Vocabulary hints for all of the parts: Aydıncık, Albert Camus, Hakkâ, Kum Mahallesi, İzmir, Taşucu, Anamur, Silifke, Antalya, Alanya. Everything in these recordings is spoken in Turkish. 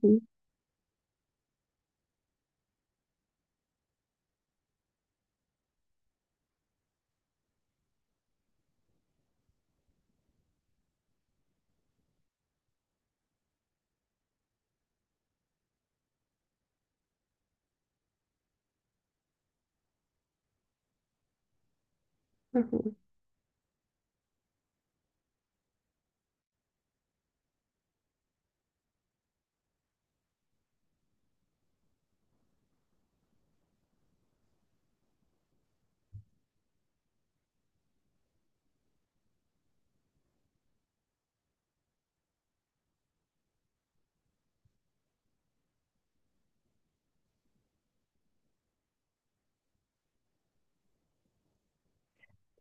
Hı hı.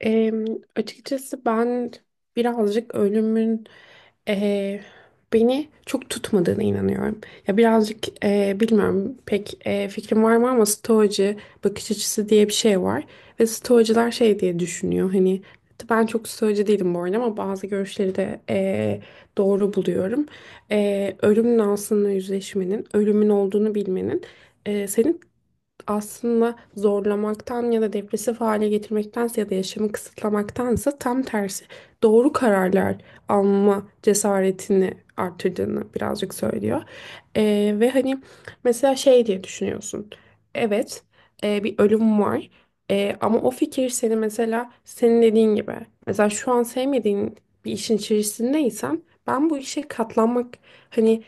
Em, Açıkçası ben birazcık ölümün e, beni çok tutmadığına inanıyorum. Ya birazcık bilmiyorum pek fikrim var mı ama stoacı bakış açısı diye bir şey var ve stoacılar şey diye düşünüyor hani ben çok stoacı değilim bu arada ama bazı görüşleri de doğru buluyorum. Ölümün aslında yüzleşmenin, ölümün olduğunu bilmenin senin aslında zorlamaktan ya da depresif hale getirmektense ya da yaşamı kısıtlamaktansa tam tersi doğru kararlar alma cesaretini artırdığını birazcık söylüyor. Ve hani mesela şey diye düşünüyorsun. Evet, bir ölüm var. E, ama o fikir seni mesela senin dediğin gibi mesela şu an sevmediğin bir işin içerisindeysen ben bu işe katlanmak hani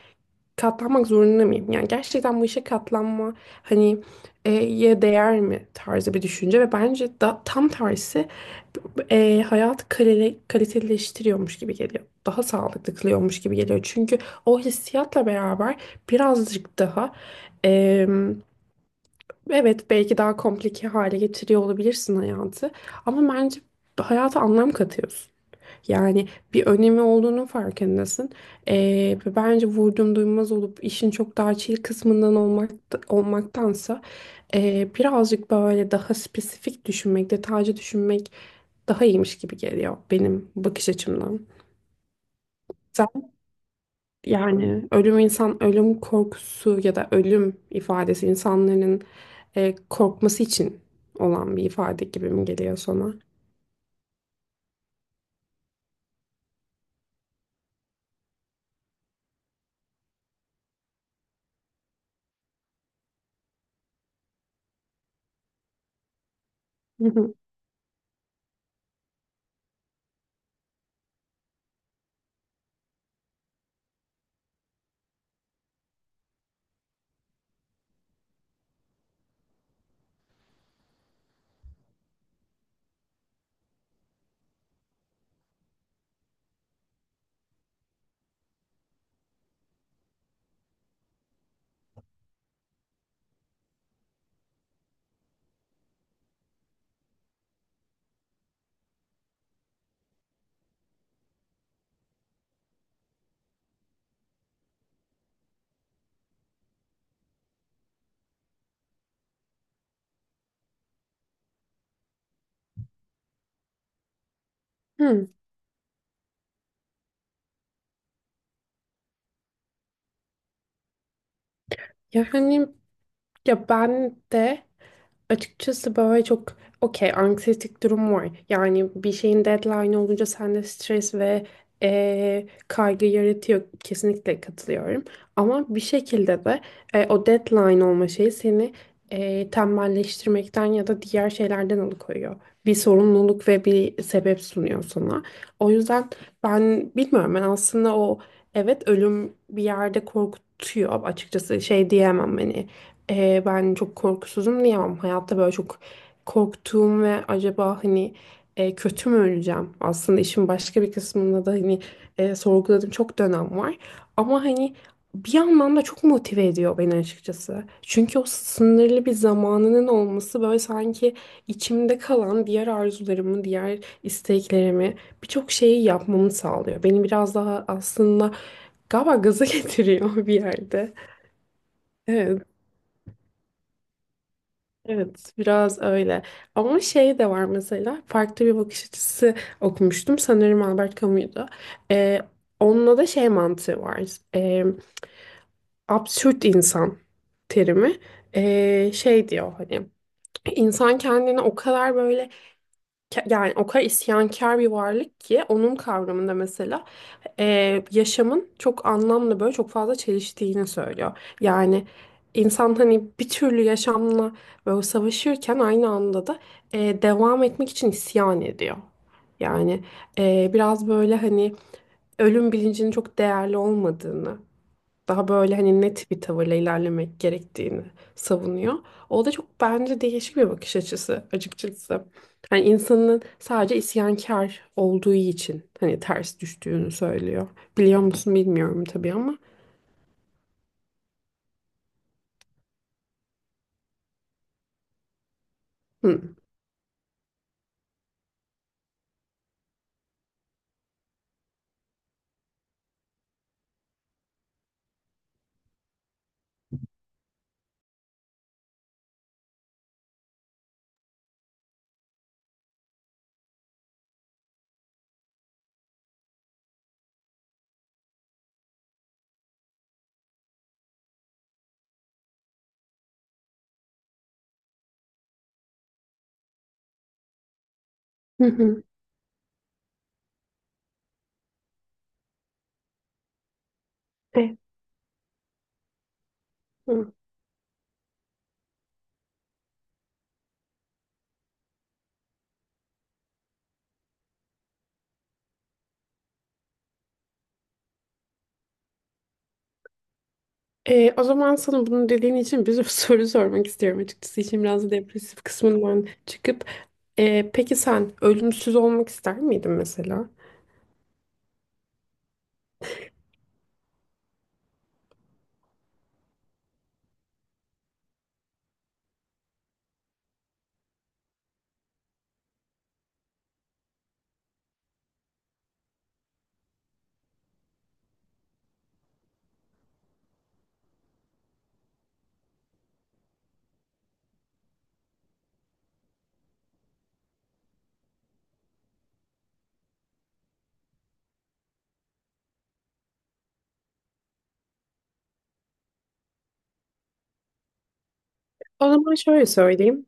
katlanmak zorunda mıyım? Yani gerçekten bu işe katlanma hani ye değer mi tarzı bir düşünce ve bence tam tersi hayatı kaliteleştiriyormuş gibi geliyor. Daha sağlıklı kılıyormuş gibi geliyor. Çünkü o hissiyatla beraber birazcık daha e, evet belki daha komplike hale getiriyor olabilirsin hayatı ama bence hayata anlam katıyorsun. Yani bir önemi olduğunun farkındasın. Ve bence vurdum duymaz olup işin çok daha chill kısmından olmaktansa birazcık böyle daha spesifik düşünmek, detaycı düşünmek daha iyiymiş gibi geliyor benim bakış açımdan. Sen yani ölüm insan, ölüm korkusu ya da ölüm ifadesi insanların korkması için olan bir ifade gibi mi geliyor sana? Hı hı. Hı. Yani ya ben de açıkçası böyle çok okey anksiyetik durum var. Yani bir şeyin deadline olunca sende stres ve kaygı yaratıyor. Kesinlikle katılıyorum. Ama bir şekilde de o deadline olma şeyi seni tembelleştirmekten ya da diğer şeylerden alıkoyuyor. Bir sorumluluk ve bir sebep sunuyor sana. O yüzden ben bilmiyorum ben aslında o evet ölüm bir yerde korkutuyor açıkçası şey diyemem hani ben çok korkusuzum diyemem. Hayatta böyle çok korktuğum ve acaba hani kötü mü öleceğim? Aslında işin başka bir kısmında da hani sorguladığım çok dönem var. Ama hani bir yandan da çok motive ediyor beni açıkçası. Çünkü o sınırlı bir zamanının olması böyle sanki içimde kalan diğer arzularımı, diğer isteklerimi birçok şeyi yapmamı sağlıyor. Beni biraz daha aslında galiba gaza getiriyor bir yerde. Evet. Evet, biraz öyle. Ama şey de var mesela, farklı bir bakış açısı okumuştum. Sanırım Albert Camus'du. Ee, Onunla da şey mantığı var. Ee, Absürt insan terimi. Şey diyor hani, insan kendini o kadar böyle yani o kadar isyankar bir varlık ki onun kavramında mesela yaşamın çok anlamlı böyle çok fazla çeliştiğini söylüyor. Yani insan hani bir türlü yaşamla böyle savaşırken aynı anda da devam etmek için isyan ediyor. Yani biraz böyle hani ölüm bilincinin çok değerli olmadığını daha böyle hani net bir tavırla ilerlemek gerektiğini savunuyor. O da çok bence değişik bir bakış açısı açıkçası. Hani insanın sadece isyankar olduğu için hani ters düştüğünü söylüyor. Biliyor musun bilmiyorum tabii ama. Hı. Hı hı. E, hı. O zaman sana bunu dediğin için bir sürü soru sormak istiyorum açıkçası. İşin biraz depresif kısmından çıkıp. Peki sen ölümsüz olmak ister miydin mesela? O zaman şöyle söyleyeyim.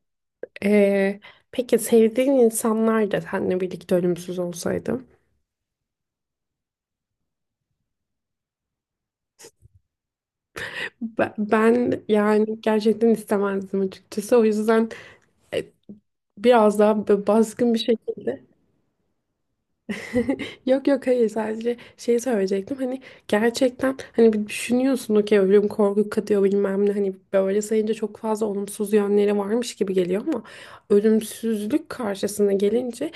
Ee, peki sevdiğin insanlar da seninle birlikte ölümsüz olsaydı? Be- Ben, yani gerçekten istemezdim açıkçası. O yüzden e, biraz daha böyle baskın bir şekilde yok yok hayır sadece şeyi söyleyecektim hani gerçekten hani bir düşünüyorsun okey ölüm korku katıyor bilmem ne hani böyle sayınca çok fazla olumsuz yönleri varmış gibi geliyor ama ölümsüzlük karşısına gelince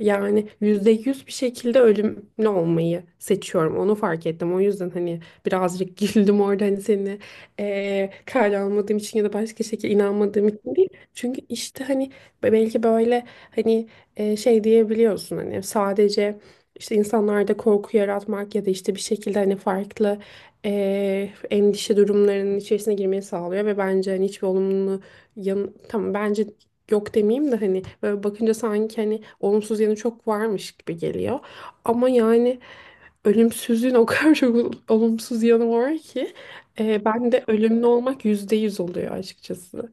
yani yüzde yüz bir şekilde ölümlü olmayı seçiyorum onu fark ettim o yüzden hani birazcık güldüm orada hani seni kale almadığım için ya da başka şekilde inanmadığım için değil çünkü işte hani belki böyle hani şey diyebiliyorsun hani sadece işte insanlarda korku yaratmak ya da işte bir şekilde hani farklı endişe durumlarının içerisine girmeyi sağlıyor ve bence hani hiçbir olumlu yan tamam bence yok demeyeyim de hani böyle bakınca sanki hani olumsuz yanı çok varmış gibi geliyor ama yani ölümsüzlüğün o kadar çok olumsuz yanı var ki ben de ölümlü olmak yüzde yüz oluyor açıkçası.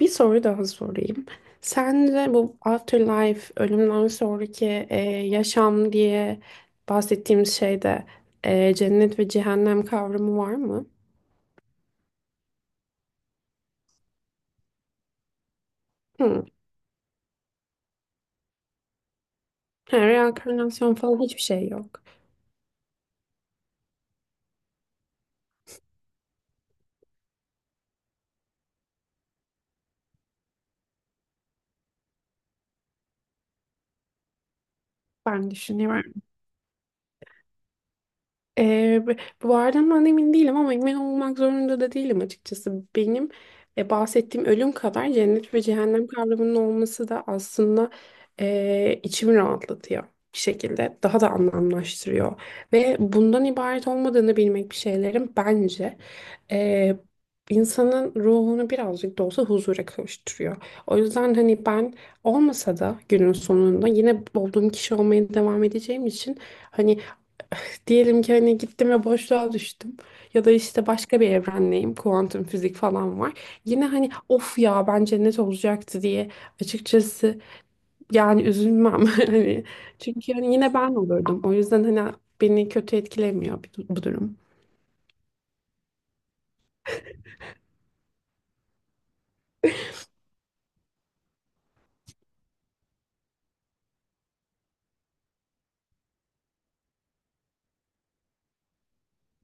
Bir soru daha sorayım. Sence bu afterlife, ölümden sonraki yaşam diye bahsettiğimiz şeyde cennet ve cehennem kavramı var mı? Hmm. Ha, reenkarnasyon falan hiçbir şey yok. Ben düşünüyorum. Ee, b- Bu arada ben emin değilim ama emin olmak zorunda da değilim açıkçası. Benim bahsettiğim ölüm kadar cennet ve cehennem kavramının olması da aslında içimi rahatlatıyor bir şekilde. Daha da anlamlaştırıyor. Ve bundan ibaret olmadığını bilmek bir şeylerin bence e, insanın ruhunu birazcık da olsa huzura kavuşturuyor. O yüzden hani ben olmasa da günün sonunda yine olduğum kişi olmaya devam edeceğim için hani diyelim ki hani gittim ve boşluğa düştüm. Ya da işte başka bir evrendeyim. Kuantum fizik falan var. Yine hani of ya bence net olacaktı diye açıkçası yani üzülmem. Hani çünkü hani yine ben olurdum. O yüzden hani beni kötü etkilemiyor bu durum.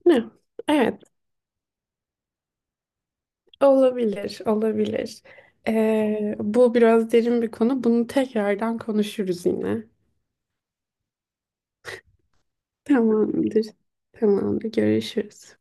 Ne? Evet, olabilir olabilir. Bu biraz derin bir konu. Bunu tekrardan konuşuruz yine. Tamamdır. Tamamdır. Görüşürüz.